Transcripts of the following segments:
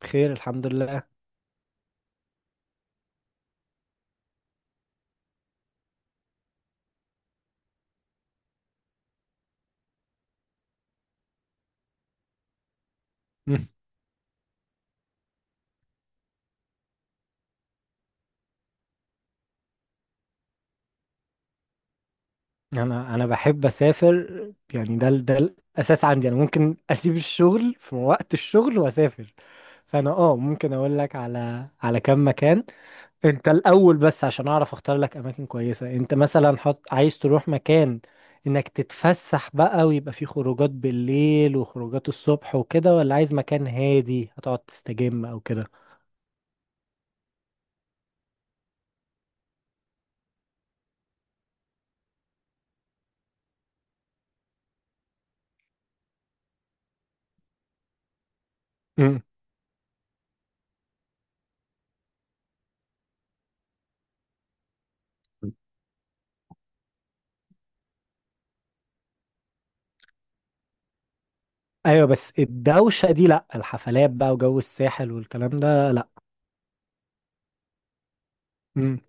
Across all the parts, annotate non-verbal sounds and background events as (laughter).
بخير، الحمد لله. مم. انا بحب اسافر. يعني ده الاساس عندي. انا ممكن اسيب الشغل في وقت الشغل واسافر. فانا ممكن اقول لك على كام مكان. انت الاول بس عشان اعرف اختار لك اماكن كويسه. انت مثلا حط عايز تروح مكان انك تتفسح بقى ويبقى فيه خروجات بالليل وخروجات الصبح وكده، ولا عايز مكان هادي هتقعد تستجم او كده؟ مم. ايوه، بس الدوشه دي لا، الحفلات بقى وجو الساحل والكلام ده لا. مم.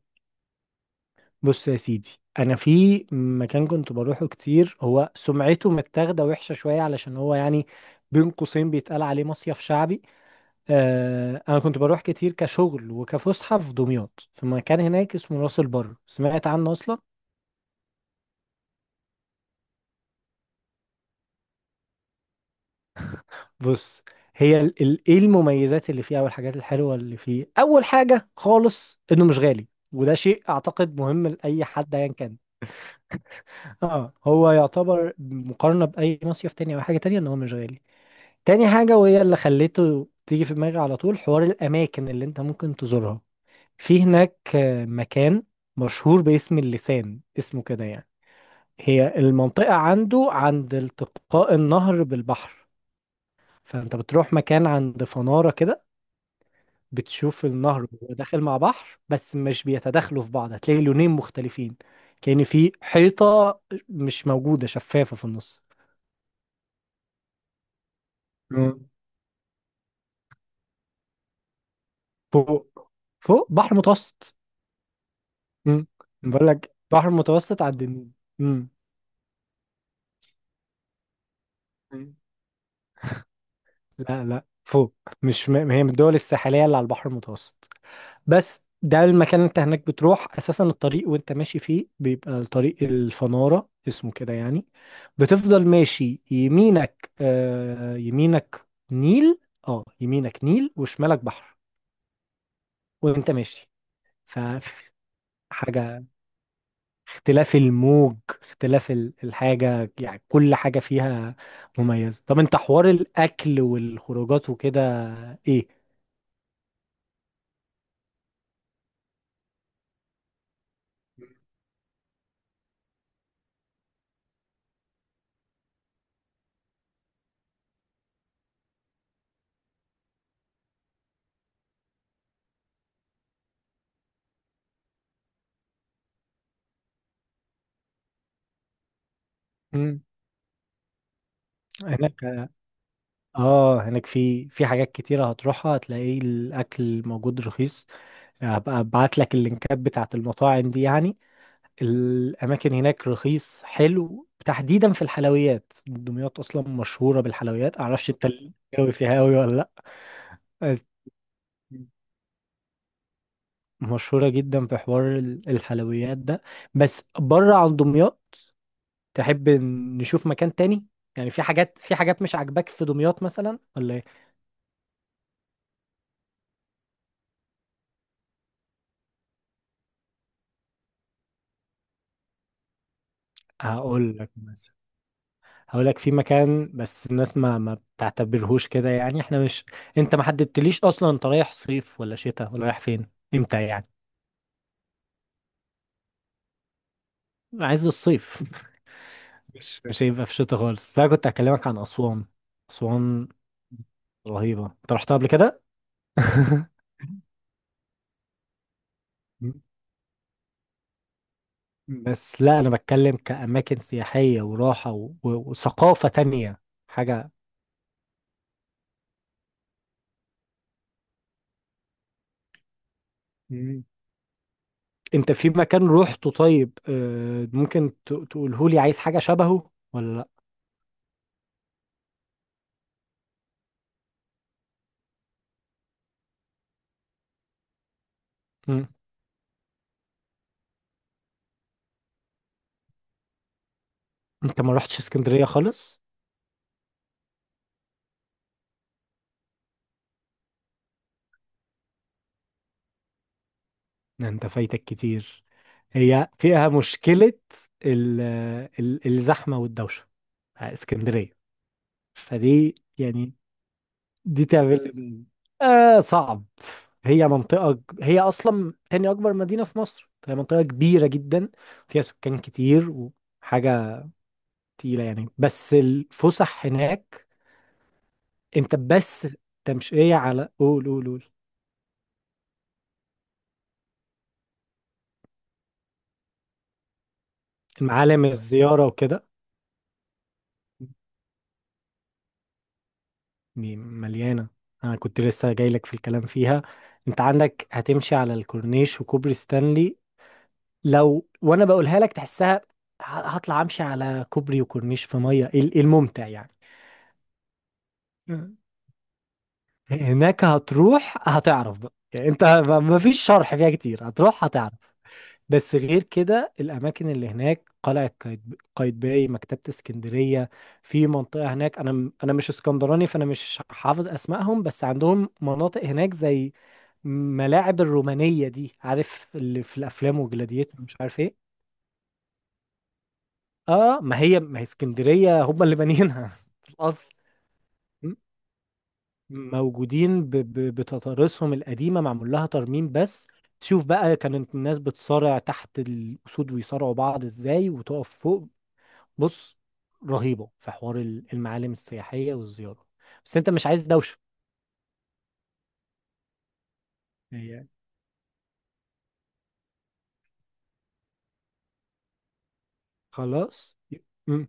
بص يا سيدي، انا في مكان كنت بروحه كتير. هو سمعته متاخده وحشه شويه علشان هو يعني بين قوسين بيتقال عليه مصيف شعبي. آه، انا كنت بروح كتير كشغل وكفسحه في دمياط، في مكان هناك اسمه راس البر. سمعت عنه اصلا؟ بص، هي ايه المميزات اللي فيه او الحاجات الحلوه اللي فيه؟ اول حاجه خالص انه مش غالي، وده شيء اعتقد مهم لاي حد ايا كان. اه، هو يعتبر مقارنه باي مصيف تاني او حاجه تانية، ان هو مش غالي. تاني حاجة، وهي اللي خليته تيجي في دماغي على طول، حوار الأماكن اللي أنت ممكن تزورها في هناك. مكان مشهور باسم اللسان، اسمه كده يعني. هي المنطقة عنده عند التقاء النهر بالبحر. فأنت بتروح مكان عند فنارة كده، بتشوف النهر وهو داخل مع بحر، بس مش بيتداخلوا في بعض. هتلاقي لونين مختلفين، كأن في حيطة مش موجودة شفافة في النص. مم. فوق. فوق بحر متوسط. مم. بقول لك بحر متوسط على الدنيا. مم. مم. لا لا، فوق. مش هي من الدول الساحلية اللي على البحر المتوسط. بس ده المكان، انت هناك بتروح اساسا الطريق وانت ماشي فيه بيبقى الطريق الفنارة، اسمه كده يعني. بتفضل ماشي يمينك، يمينك نيل. اه يمينك نيل وشمالك بحر وانت ماشي. فحاجة اختلاف الموج، اختلاف الحاجة، يعني كل حاجة فيها مميزة. طب انت حوار الأكل والخروجات وكده ايه؟ مم. هناك؟ اه هناك في حاجات كتيرة هتروحها. هتلاقي الأكل موجود رخيص. هبقى ابعت لك اللينكات بتاعت المطاعم دي يعني، الأماكن هناك رخيص حلو، تحديدا في الحلويات. دمياط أصلا مشهورة بالحلويات. أعرفش انت الجو فيها أوي ولا؟ لأ، مشهورة جدا في حوار الحلويات ده. بس بره عن دمياط، تحب نشوف مكان تاني؟ يعني في حاجات مش عاجباك في دمياط مثلا ولا ايه؟ هقول لك مثلا، هقول لك في مكان، بس الناس ما بتعتبرهوش كده يعني. احنا مش، انت ما حددتليش اصلا انت رايح صيف ولا شتاء، ولا رايح فين امتى يعني؟ عايز الصيف. (laughs) مش هيبقى في شتاء خالص، لا كنت هكلمك عن اسوان. اسوان رهيبة. انت رحتها قبل كده؟ (laughs) بس لا، انا بتكلم كأماكن سياحية وراحة وثقافة تانية، حاجة. مم. انت في مكان روحته طيب، ممكن تقوله لي عايز حاجة شبهه ولا لا؟ مم. انت ما رحتش اسكندرية خالص؟ ده انت فايتك كتير. هي فيها مشكلة، ال... الزحمة والدوشة بتاع اسكندرية. فدي يعني، دي تعمل لي مين؟ آه صعب. هي أصلا تاني أكبر مدينة في مصر، فهي منطقة كبيرة جدا، فيها سكان كتير وحاجة تقيلة يعني. بس الفسح هناك أنت بس تمشية على قول، قول. المعالم، الزيارة وكده، دي مليانة. أنا كنت لسه جايلك في الكلام فيها. أنت عندك هتمشي على الكورنيش وكوبري ستانلي، لو وأنا بقولها لك تحسها، ه- هطلع أمشي على كوبري وكورنيش في مية، إيه الممتع يعني؟ هناك هتروح هتعرف بقى يعني انت. ما فيش شرح فيها كتير، هتروح هتعرف. بس غير كده الاماكن اللي هناك، قلعة قايتباي، مكتبة اسكندرية. في منطقة هناك، انا مش اسكندراني فانا مش حافظ اسمائهم، بس عندهم مناطق هناك زي ملاعب الرومانية دي، عارف اللي في الافلام وجلاديتور مش عارف ايه. اه، ما هي اسكندرية هم اللي بانيينها (laughs) في الاصل. موجودين بتضاريسهم القديمة، معمول لها ترميم بس، تشوف بقى كانت الناس بتصارع تحت الأسود ويصارعوا بعض ازاي، وتقف فوق. بص، رهيبة في حوار المعالم السياحية والزيارة، بس انت مش عايز دوشة. هي خلاص. مم.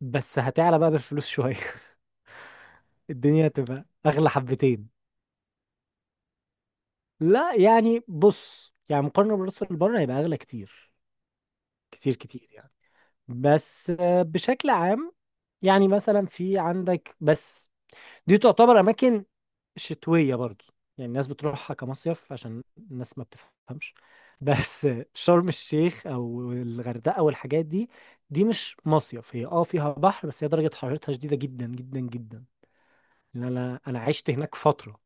بس هتعلى بقى بالفلوس شوية. (laughs) الدنيا هتبقى أغلى حبتين. لا يعني، بص يعني، مقارنة بالراس اللي بره هيبقى أغلى كتير، كتير كتير يعني. بس بشكل عام يعني، مثلا في عندك بس، دي تعتبر اماكن شتويه برضو. يعني الناس بتروحها كمصيف عشان الناس ما بتفهمش بس. (laughs) شرم الشيخ او الغردقه والحاجات دي، دي مش مصيف. هي فيها بحر، بس هي درجه حرارتها شديده جدا جدا جدا. لان انا عشت هناك فتره،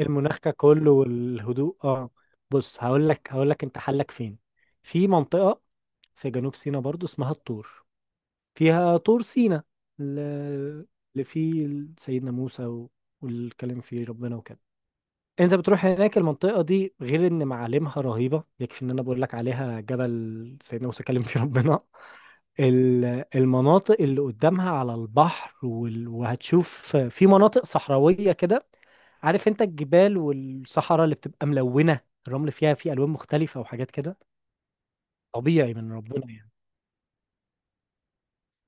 المناخ كله والهدوء اه. بص، هقول لك انت حلك فين. في منطقه في جنوب سيناء برضو اسمها الطور، فيها طور سينا ال- اللي فيه سيدنا موسى والكلام، فيه ربنا وكده. انت بتروح هناك، المنطقة دي غير ان معالمها رهيبة، يكفي ان انا بقول لك عليها جبل سيدنا موسى كلم فيه ربنا. المناطق اللي قدامها على البحر، وهتشوف في مناطق صحراوية كده. عارف انت الجبال والصحراء اللي بتبقى ملونة، الرمل فيها فيه الوان مختلفة وحاجات كده، طبيعي من ربنا يعني.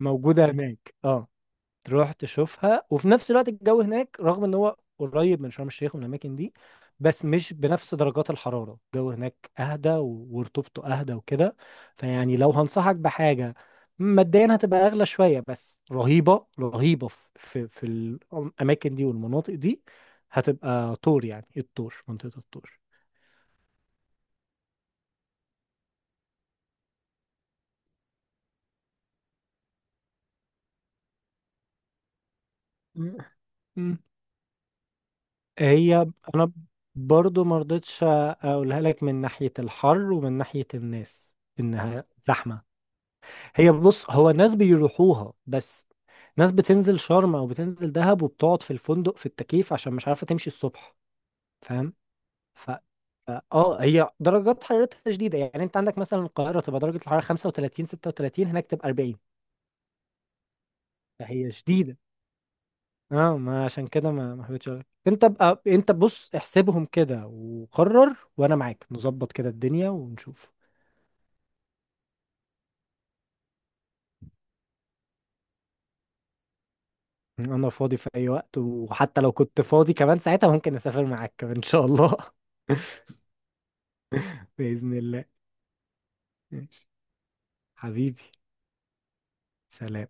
موجودة هناك اه. تروح تشوفها، وفي نفس الوقت الجو هناك رغم ان هو قريب من شرم الشيخ ومن الاماكن دي، بس مش بنفس درجات الحراره. الجو هناك اهدى ورطوبته اهدى وكده. فيعني لو هنصحك بحاجه، مبدئيا هتبقى اغلى شويه، بس رهيبه رهيبه في الاماكن دي والمناطق دي، هتبقى طور يعني، الطور، منطقه الطور. مم. مم. هي انا برضو ما رضيتش اقولها لك من ناحية الحر ومن ناحية الناس، انها زحمة. هي بص، هو ناس بيروحوها بس، ناس بتنزل شرم او بتنزل دهب وبتقعد في الفندق في التكييف عشان مش عارفه تمشي الصبح، فاهم؟ ف هي درجات حرارتها شديده، يعني انت عندك مثلا القاهره تبقى درجه الحراره 35 36، هناك تبقى 40، فهي شديده. اه، ما عشان كده ما حبيتش أقولك. انت بقى انت بص احسبهم كده وقرر، وانا معاك نظبط كده الدنيا ونشوف. انا فاضي في اي وقت، وحتى لو كنت فاضي كمان ساعتها ممكن اسافر معاك كمان ان شاء الله. (laughs) بإذن الله. ماشي حبيبي، سلام.